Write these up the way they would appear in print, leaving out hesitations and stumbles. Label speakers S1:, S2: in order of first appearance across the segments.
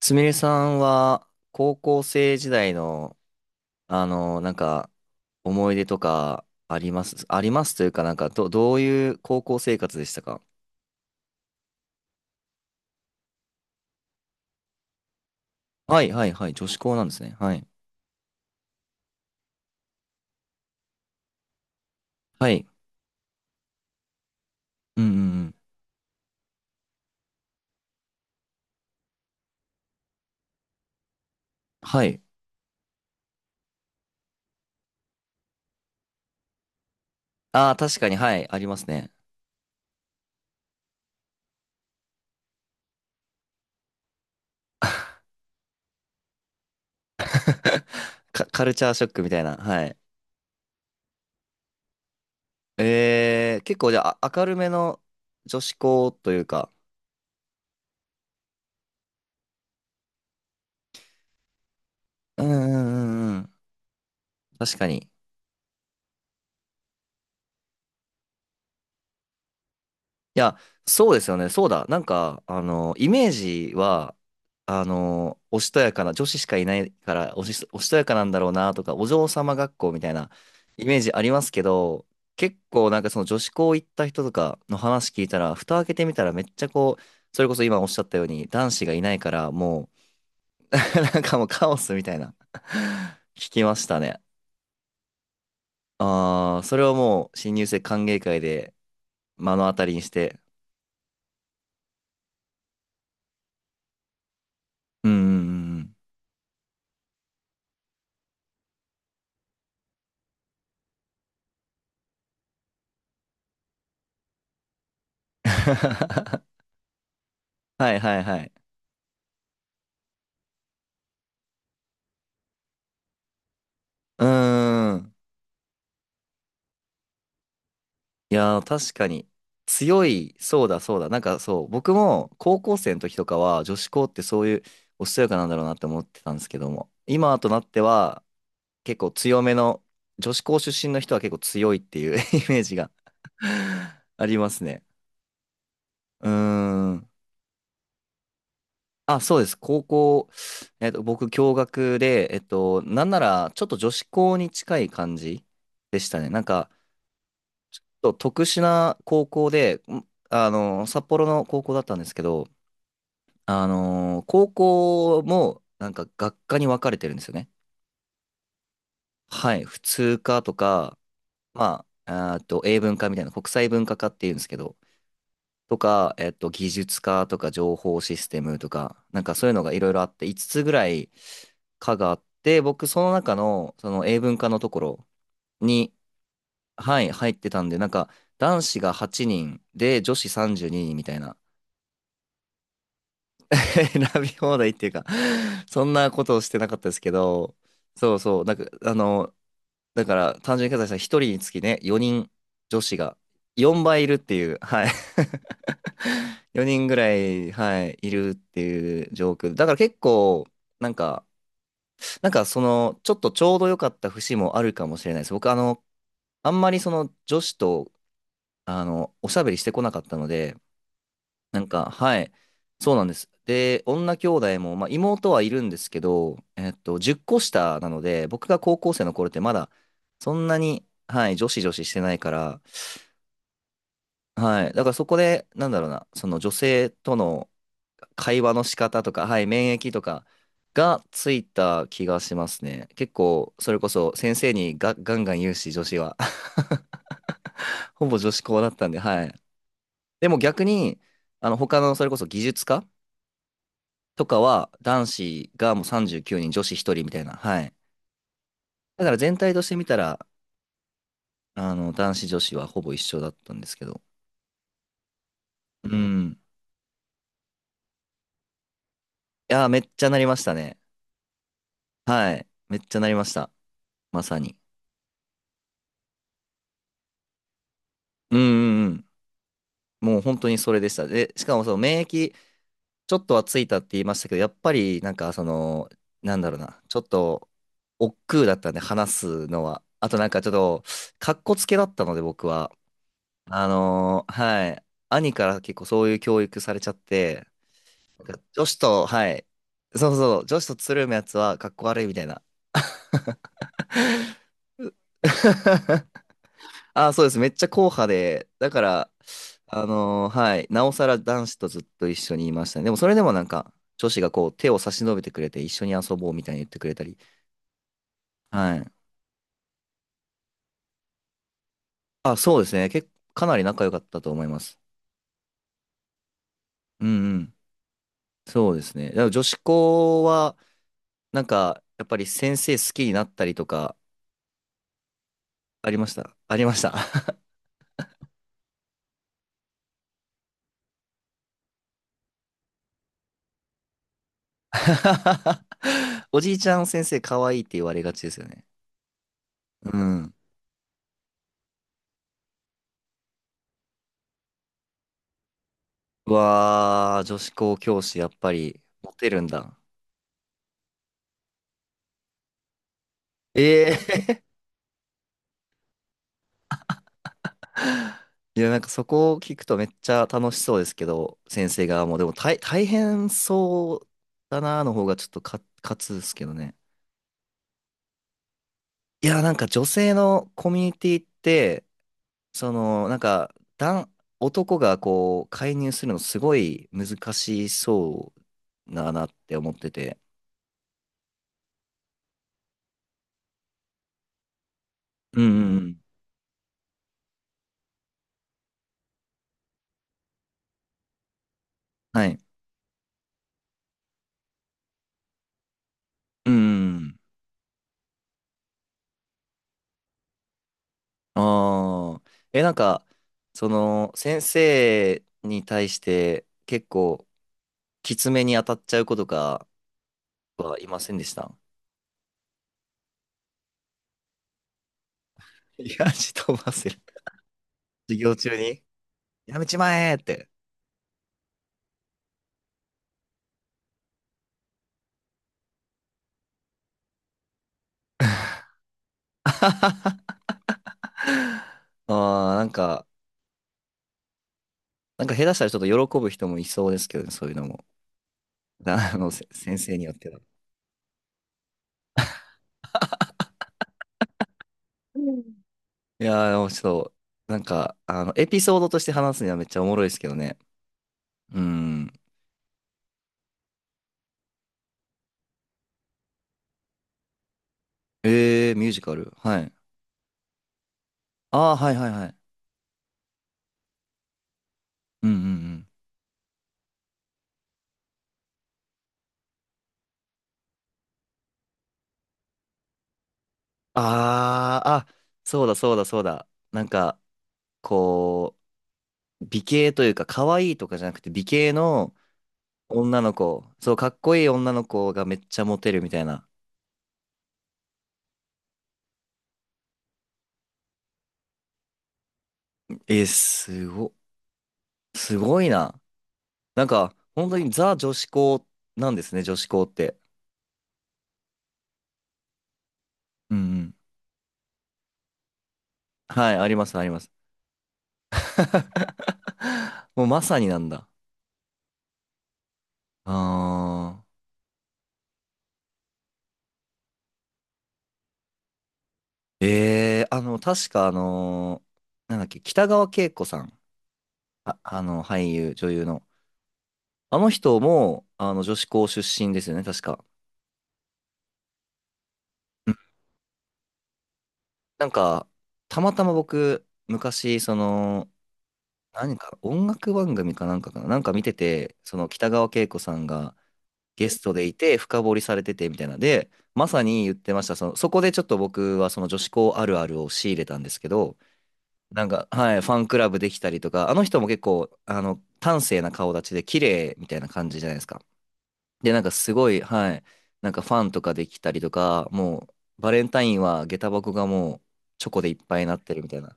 S1: すみれさんは高校生時代の、なんか思い出とかありますというか、なんかどういう高校生活でしたか？はい、はい、はい。女子校なんですね。はい。はい。うん、うん、うん。はい。ああ、確かに、はい。ありますね。カルチャーショックみたいな。はい。結構じゃあ、明るめの女子校というか。うん、うん、うん、うん。確かに。いや、そうですよね。そうだ。なんか、イメージは、おしとやかな、女子しかいないから、おしとやかなんだろうなとか、お嬢様学校みたいなイメージありますけど、結構なんかその女子校行った人とかの話聞いたら、蓋開けてみたらめっちゃこう、それこそ今おっしゃったように、男子がいないから、もう なんかもうカオスみたいな 聞きましたね。ああ、それはもう、新入生歓迎会で目の当たりにして、うん、うん、うん、うん。はい、はい、はい。うーん。いやー、確かに。強い、そうだそうだ。なんかそう、僕も高校生の時とかは女子校ってそういうおしとやかなんだろうなって思ってたんですけども、今となっては結構強めの、女子校出身の人は結構強いっていう イメージが ありますね。うーん。あ、そうです。高校、僕、共学で、なんならちょっと女子校に近い感じでしたね。なんか、特殊な高校で、札幌の高校だったんですけど、高校もなんか学科に分かれてるんですよね。はい、普通科とか、まあ、あーと英文科みたいな国際文化科っていうんですけど、とか、技術科とか情報システムとか、なんかそういうのがいろいろあって、5つぐらい科があって、僕その中のその英文科のところに、はい、入ってたんで、なんか男子が8人で女子32人みたいな。選び放題っていうか、そんなことをしてなかったですけど、そうそう、なんか、だから、単純計算したら1人につきね、4人女子が4倍いるっていう、はい。4人ぐらい、はい、いるっていう状況。だから結構、なんか、なんかその、ちょっとちょうど良かった節もあるかもしれないです。僕、あんまりその女子と、おしゃべりしてこなかったので、なんか、はい。そうなんです。で、女兄弟も、まあ、妹はいるんですけど、10個下なので、僕が高校生の頃ってまだ、そんなに、はい、女子女子してないから、はい。だからそこで、なんだろうな、その女性との会話の仕方とか、はい、免疫とかがついた気がしますね。結構、それこそ先生にガンガン言うし、女子は。ほぼ女子校だったんで、はい。でも逆に、他の、それこそ技術科とかは男子がもう39人、女子1人みたいな。はい。だから全体として見たら、男子女子はほぼ一緒だったんですけど。うん。いやー、めっちゃなりましたね。はい。めっちゃなりました。まさに。うん、うん、うん。もう本当にそれでした。で、しかもその免疫、ちょっとはついたって言いましたけど、やっぱりなんかその、なんだろうな、ちょっと、億劫だったんで話すのは。あとなんかちょっと、かっこつけだったので僕は。はい。兄から結構そういう教育されちゃって、女子と、はい。そうそう、女子とつるむやつはかっこ悪いみたいな。あ、そうです。めっちゃ硬派で、だから、はい。なおさら男子とずっと一緒にいましたね。でもそれでもなんか、女子がこう手を差し伸べてくれて一緒に遊ぼうみたいに言ってくれたり。はい。あ、そうですね。かなり仲良かったと思います。うん、うん。そうですね。でも女子校は、なんか、やっぱり先生好きになったりとか、ありました。ありました。おじいちゃん先生可愛いって言われがちですよね。うん。うわー、女子校教師、やっぱり、モテるんだ。ええ。 いや、なんかそこを聞くとめっちゃ楽しそうですけど、先生側も。でも大変そうだなーの方がちょっとか勝つですけどね。いや、なんか女性のコミュニティって、その、なんか、男、男がこう、介入するのすごい難しそうだなって思ってて。うん、うん、うん。はい。うん。ああ。なんか、その、先生に対して結構、きつめに当たっちゃう子とかはいませんでした？いや、飛ばせる。授業中にやめちまえって。ああ、なんか、下手したらちょっと喜ぶ人もいそうですけどね、そういうのも。だあの、先生によっては。うん。いやー、でもちょっと、なんか、エピソードとして話すにはめっちゃおもろいですけどね。うん。えー、ミュージカル。はい。ああ、はい、はい、はい。うん、うん、うん。ああ、あ、そうだそうだそうだ。なんか、こう、美形というか、可愛いとかじゃなくて、美形の女の子、そう、かっこいい女の子がめっちゃモテるみたいな。えー、すごいな。なんか、本当にザ女子校なんですね、女子校って。うん。はい、あります、あります。もうまさになんだ。あー。えー、確かなんだっけ、北川景子さん。あ、俳優、女優の。あの人も、女子校出身ですよね、確か。うん。なんか、たまたま僕、昔、その、何か、音楽番組かなんかかな、なんか見てて、その北川景子さんが、ゲストでいて深掘りされててみたいなので、まさに言ってました。その、そこでちょっと僕はその女子校あるあるを仕入れたんですけど、なんか、はい、ファンクラブできたりとか、あの人も結構、端正な顔立ちで綺麗みたいな感じじゃないですか。で、なんかすごい、はい、なんかファンとかできたりとか、もう、バレンタインは下駄箱がもうチョコでいっぱいになってるみたいな。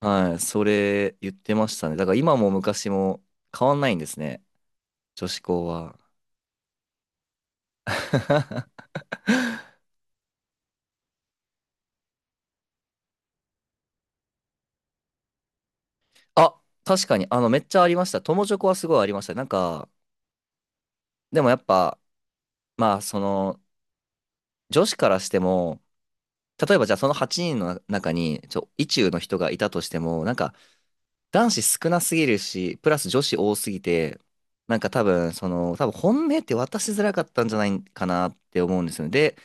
S1: はい、それ言ってましたね。だから今も昔も変わんないんですね。女子校は。あ、確かに、めっちゃありました。友チョコはすごいありました。なんか、でもやっぱ、まあ、その、女子からしても、例えばじゃあその8人の中に、意中の人がいたとしても、なんか、男子少なすぎるし、プラス女子多すぎて、なんか多分、その、多分本命って渡しづらかったんじゃないかなって思うんですよね。で、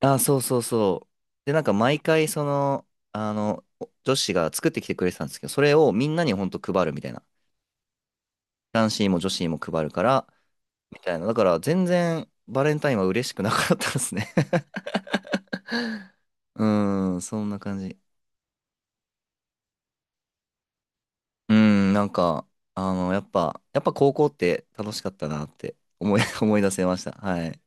S1: あ、そうそうそう。で、なんか毎回、その、あの、女子が作ってきてくれてたんですけど、それをみんなにほんと配るみたいな。男子にも女子にも配るから、みたいな。だから全然バレンタインは嬉しくなかったですね。 うーん、そんな感じ。うーん、なんか、やっぱ高校って楽しかったなって思い出せました。はい。